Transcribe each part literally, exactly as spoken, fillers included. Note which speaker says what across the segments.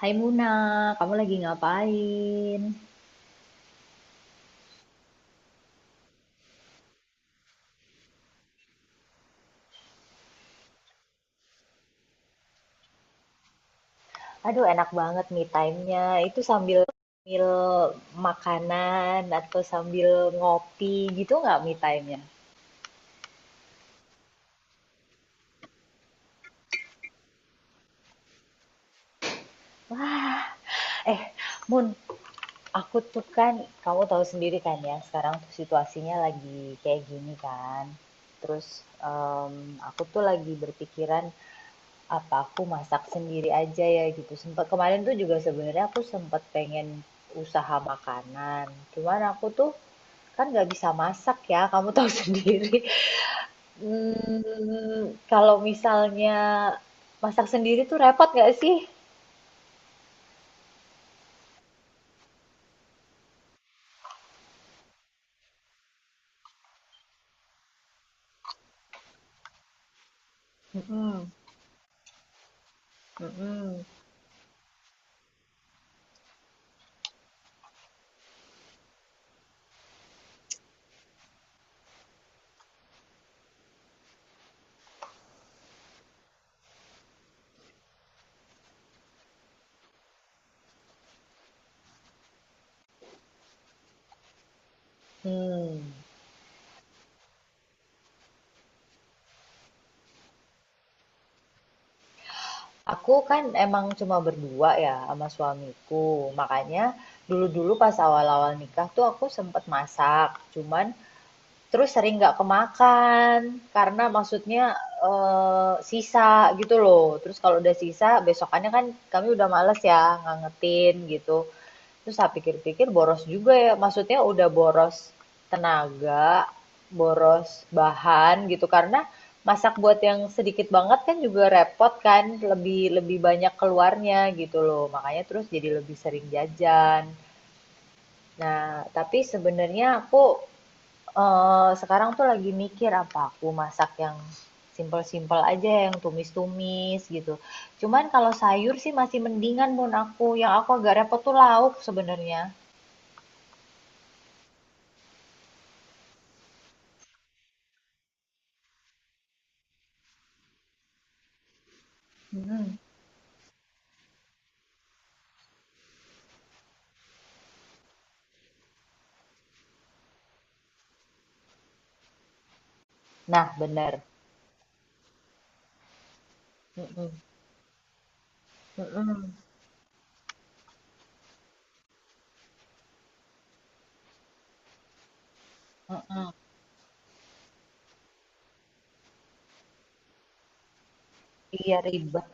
Speaker 1: Hai Muna, kamu lagi ngapain? Aduh, enak banget me time-nya. Itu sambil sambil makanan atau sambil ngopi gitu nggak me time-nya? Wah, eh, Mun, aku tuh kan, kamu tahu sendiri kan ya, sekarang tuh situasinya lagi kayak gini kan. Terus em, aku tuh lagi berpikiran apa aku masak sendiri aja ya gitu. Sempat kemarin tuh juga sebenarnya aku sempat pengen usaha makanan. Cuman aku tuh kan nggak bisa masak ya, kamu tahu sendiri. Hmm, kalau misalnya masak sendiri tuh repot nggak sih? Mm-mm, mm-mm, hmm. Aku kan emang cuma berdua ya sama suamiku, makanya dulu-dulu pas awal-awal nikah tuh aku sempet masak, cuman terus sering nggak kemakan karena maksudnya eh, sisa gitu loh. Terus kalau udah sisa besokannya kan kami udah males ya ngangetin gitu. Terus saya pikir-pikir boros juga ya. Maksudnya udah boros tenaga, boros bahan gitu karena masak buat yang sedikit banget kan juga repot kan, lebih lebih banyak keluarnya gitu loh. Makanya terus jadi lebih sering jajan. Nah, tapi sebenarnya aku eh, sekarang tuh lagi mikir apa aku masak yang simpel-simpel aja yang tumis-tumis gitu. Cuman kalau sayur sih masih mendingan mun aku. Yang aku agak repot tuh lauk sebenarnya. Mm. Nah, bener. Mhm, mhm, mhm. Iya, ribet.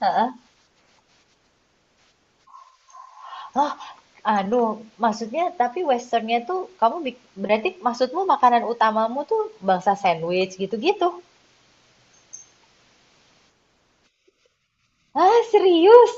Speaker 1: Heeh. Oh, anu, maksudnya tapi westernnya tuh kamu bik berarti maksudmu makanan utamamu tuh bangsa sandwich gitu-gitu? Ah, serius?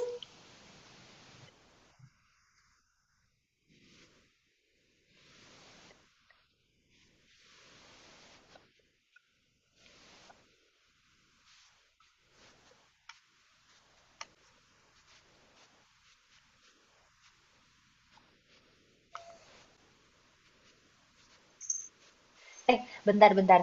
Speaker 1: Eh, bentar, bentar.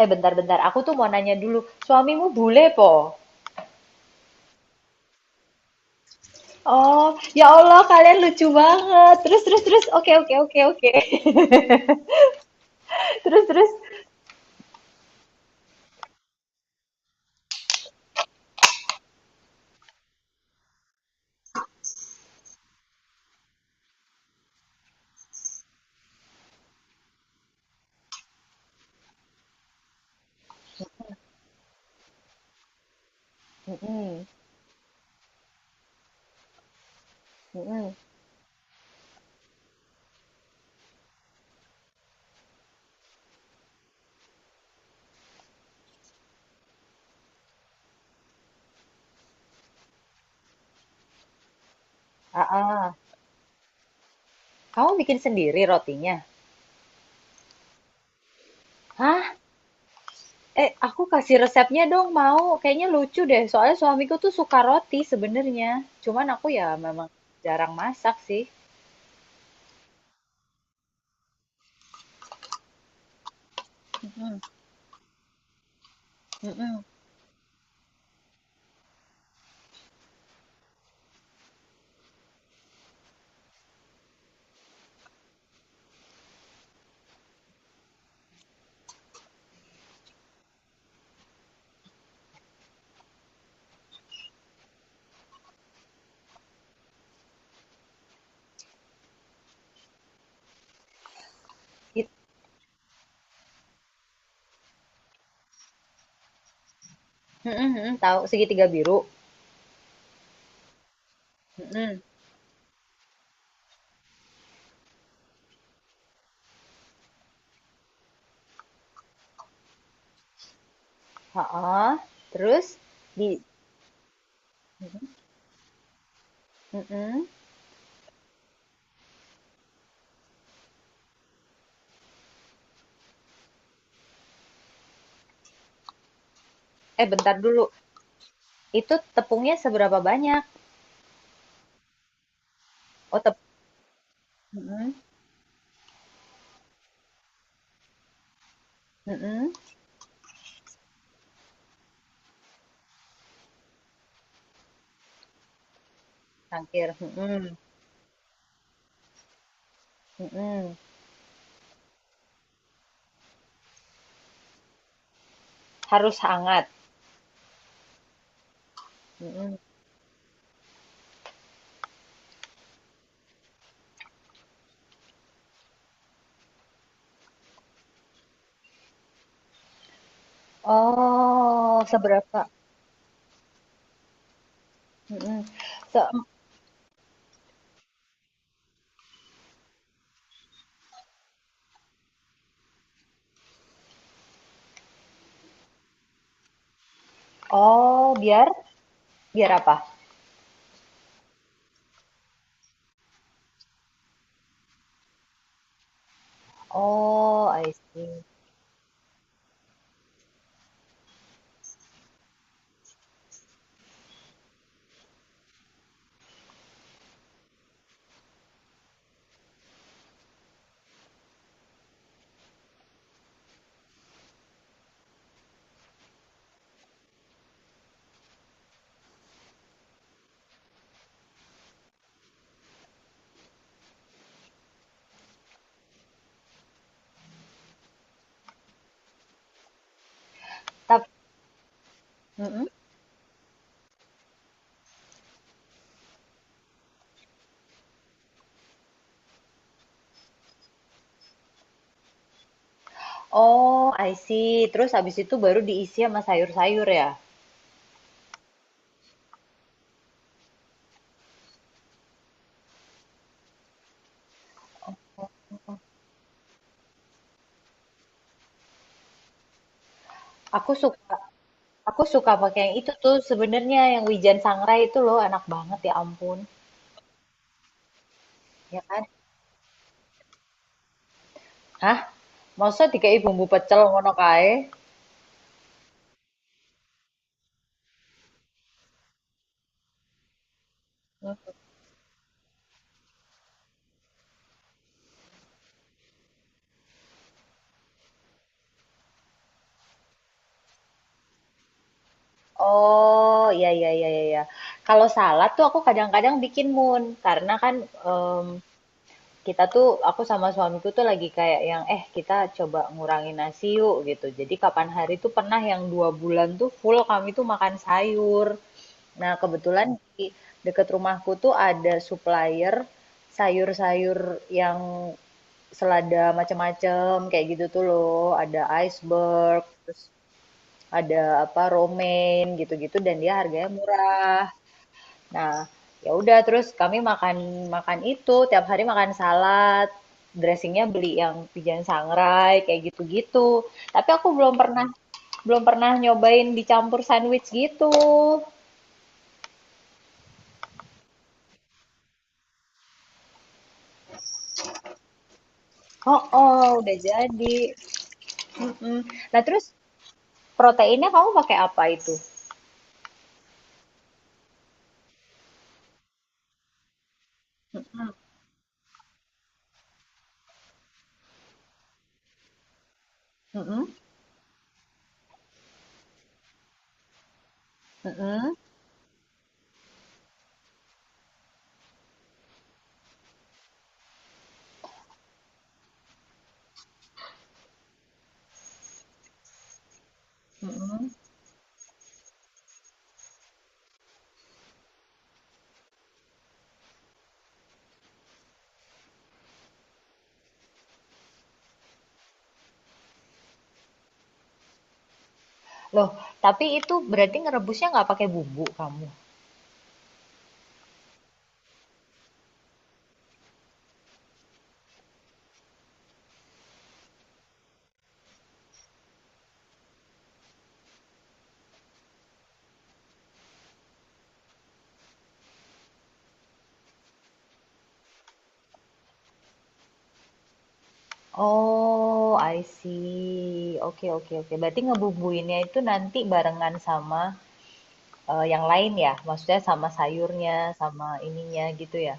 Speaker 1: Eh, bentar, bentar. Aku tuh mau nanya dulu. Suamimu bule, po? Oh, ya Allah, kalian lucu banget. Terus, terus, terus. Oke, oke, oke, oke. Terus, terus. Mm-mm, mm-mm. Ah, ah. Kamu bikin sendiri rotinya? Hah? Eh, aku kasih resepnya dong, mau. Kayaknya lucu deh. Soalnya suamiku tuh suka roti sebenarnya. Cuman aku ya memang jarang masak sih. Mm-mm, mm-mm. It- mm-mm, mm-mm, tahu segitiga biru. Mm-mm. Ha-ah. Terus di Mm-mm. Eh, bentar dulu. Itu tepungnya seberapa banyak? Oh, tep Mm-mm, mm-mm. Cangkir. Mm-mm, mm-mm. Harus hangat. Mm-mm. Oh, seberapa? Mm-mm. Se- oh, biar Biar apa? Oh, I see. Tap, mm-mm. Oh, I see. Terus habis itu baru diisi sama sayur-sayur ya. Aku suka, aku suka pakai yang itu tuh sebenarnya yang wijen sangrai itu loh, enak banget ya ampun, ya kan? Hah? Masa dikai bumbu pecel ngono kae? Hmm. Oh, iya, iya, iya, iya, iya. Kalau salad tuh aku kadang-kadang bikin mun karena kan kita tuh aku sama suamiku tuh lagi kayak yang eh kita coba ngurangin nasi yuk gitu. Jadi kapan hari tuh pernah yang dua bulan tuh full kami tuh makan sayur. Nah, kebetulan di deket rumahku tuh ada supplier sayur-sayur yang selada macam-macam kayak gitu tuh loh. Ada iceberg, terus ada apa romaine gitu-gitu dan dia harganya murah. Nah, ya udah terus kami makan makan itu tiap hari makan salad, dressingnya beli yang Pigeon Sangrai kayak gitu-gitu. Tapi aku belum pernah belum pernah nyobain dicampur sandwich gitu. Oh, oh, udah jadi. Mm-mm. Nah, terus proteinnya kamu pakai apa itu? Mm-mm. Mm-mm. Mm-mm. Mm-mm. Loh, tapi itu berarti ngerebusnya nggak pakai bumbu kamu. Oh, I see. Oke, oke, oke. Berarti ngebubuinnya itu nanti barengan sama eh, yang lain ya? Maksudnya sama sayurnya, sama ininya gitu ya?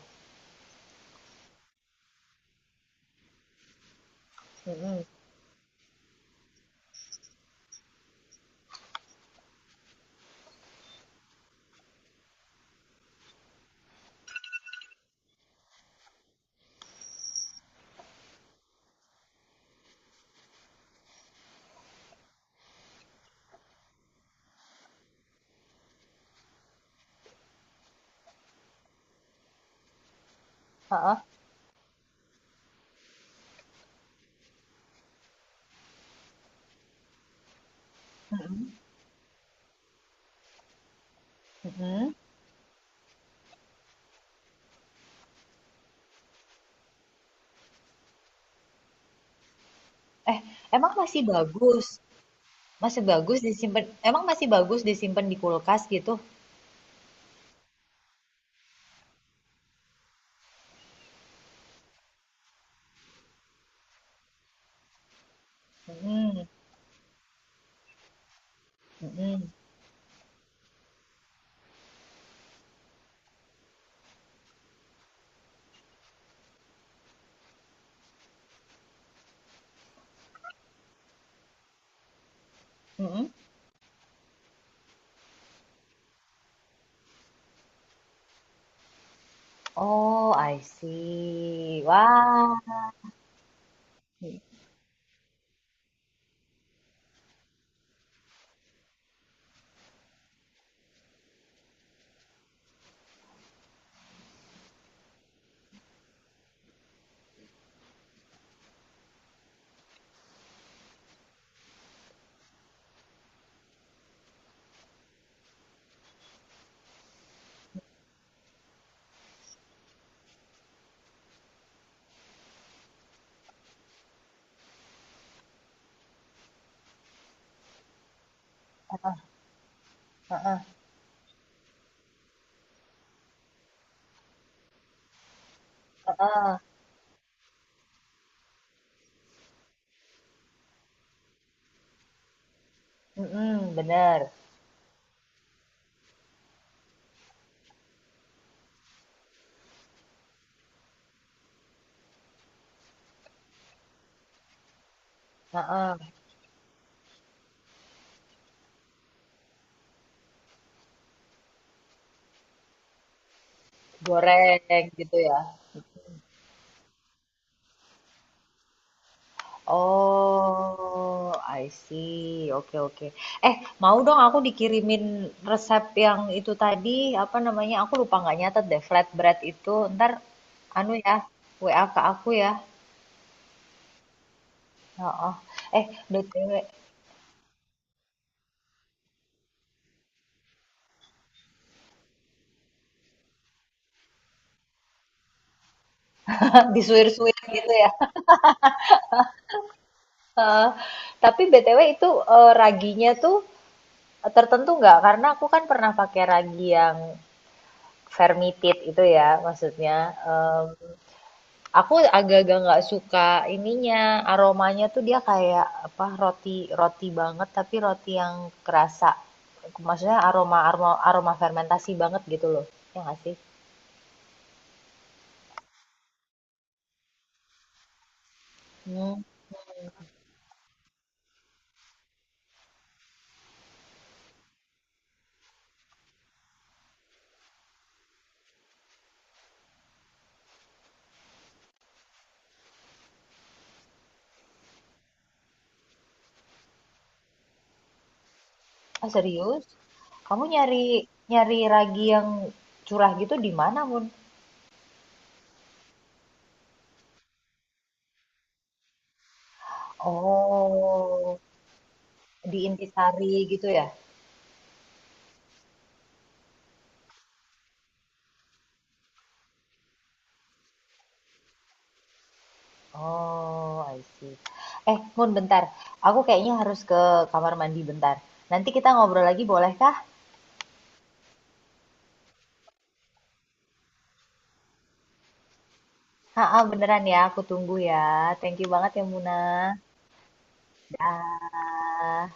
Speaker 1: Mm-mm. Ha-ah. Mm-mm. Mm-mm. Eh, emang masih bagus? Masih bagus disimpan? Emang masih bagus disimpan di kulkas gitu? Mm-mm. Mm-mm. Mm-mm. Oh, I see. Wah. Ha-ah. Ha-ah. Mm-mm. Bener. Ha-ah. Goreng gitu ya? Oh, I see. Oke, oke. Eh, mau dong aku dikirimin resep yang itu tadi, apa namanya? Aku lupa nggak nyatet deh, flatbread itu. Ntar, anu ya, W A ke aku ya. Oh. Eh, B T W, disuir-suir gitu ya. Heeh. Tapi B T W itu eh, raginya tuh tertentu nggak? Karena aku kan pernah pakai ragi yang fermented itu ya, maksudnya. Aku agak-agak nggak suka ininya, aromanya tuh dia kayak apa roti roti banget tapi roti yang kerasa. Maksudnya aroma aroma aroma fermentasi banget gitu loh. Ya nggak sih? Hmm. Ah, serius? Kamu nyari nyari ragi yang curah gitu di mana, Mun? Oh, di Intisari gitu ya? Oh, I see. Eh, Mun bentar. Aku kayaknya harus ke kamar mandi bentar. Nanti kita ngobrol lagi bolehkah? Heeh, beneran ya, aku tunggu ya. Thank you banget ya Muna. Dah.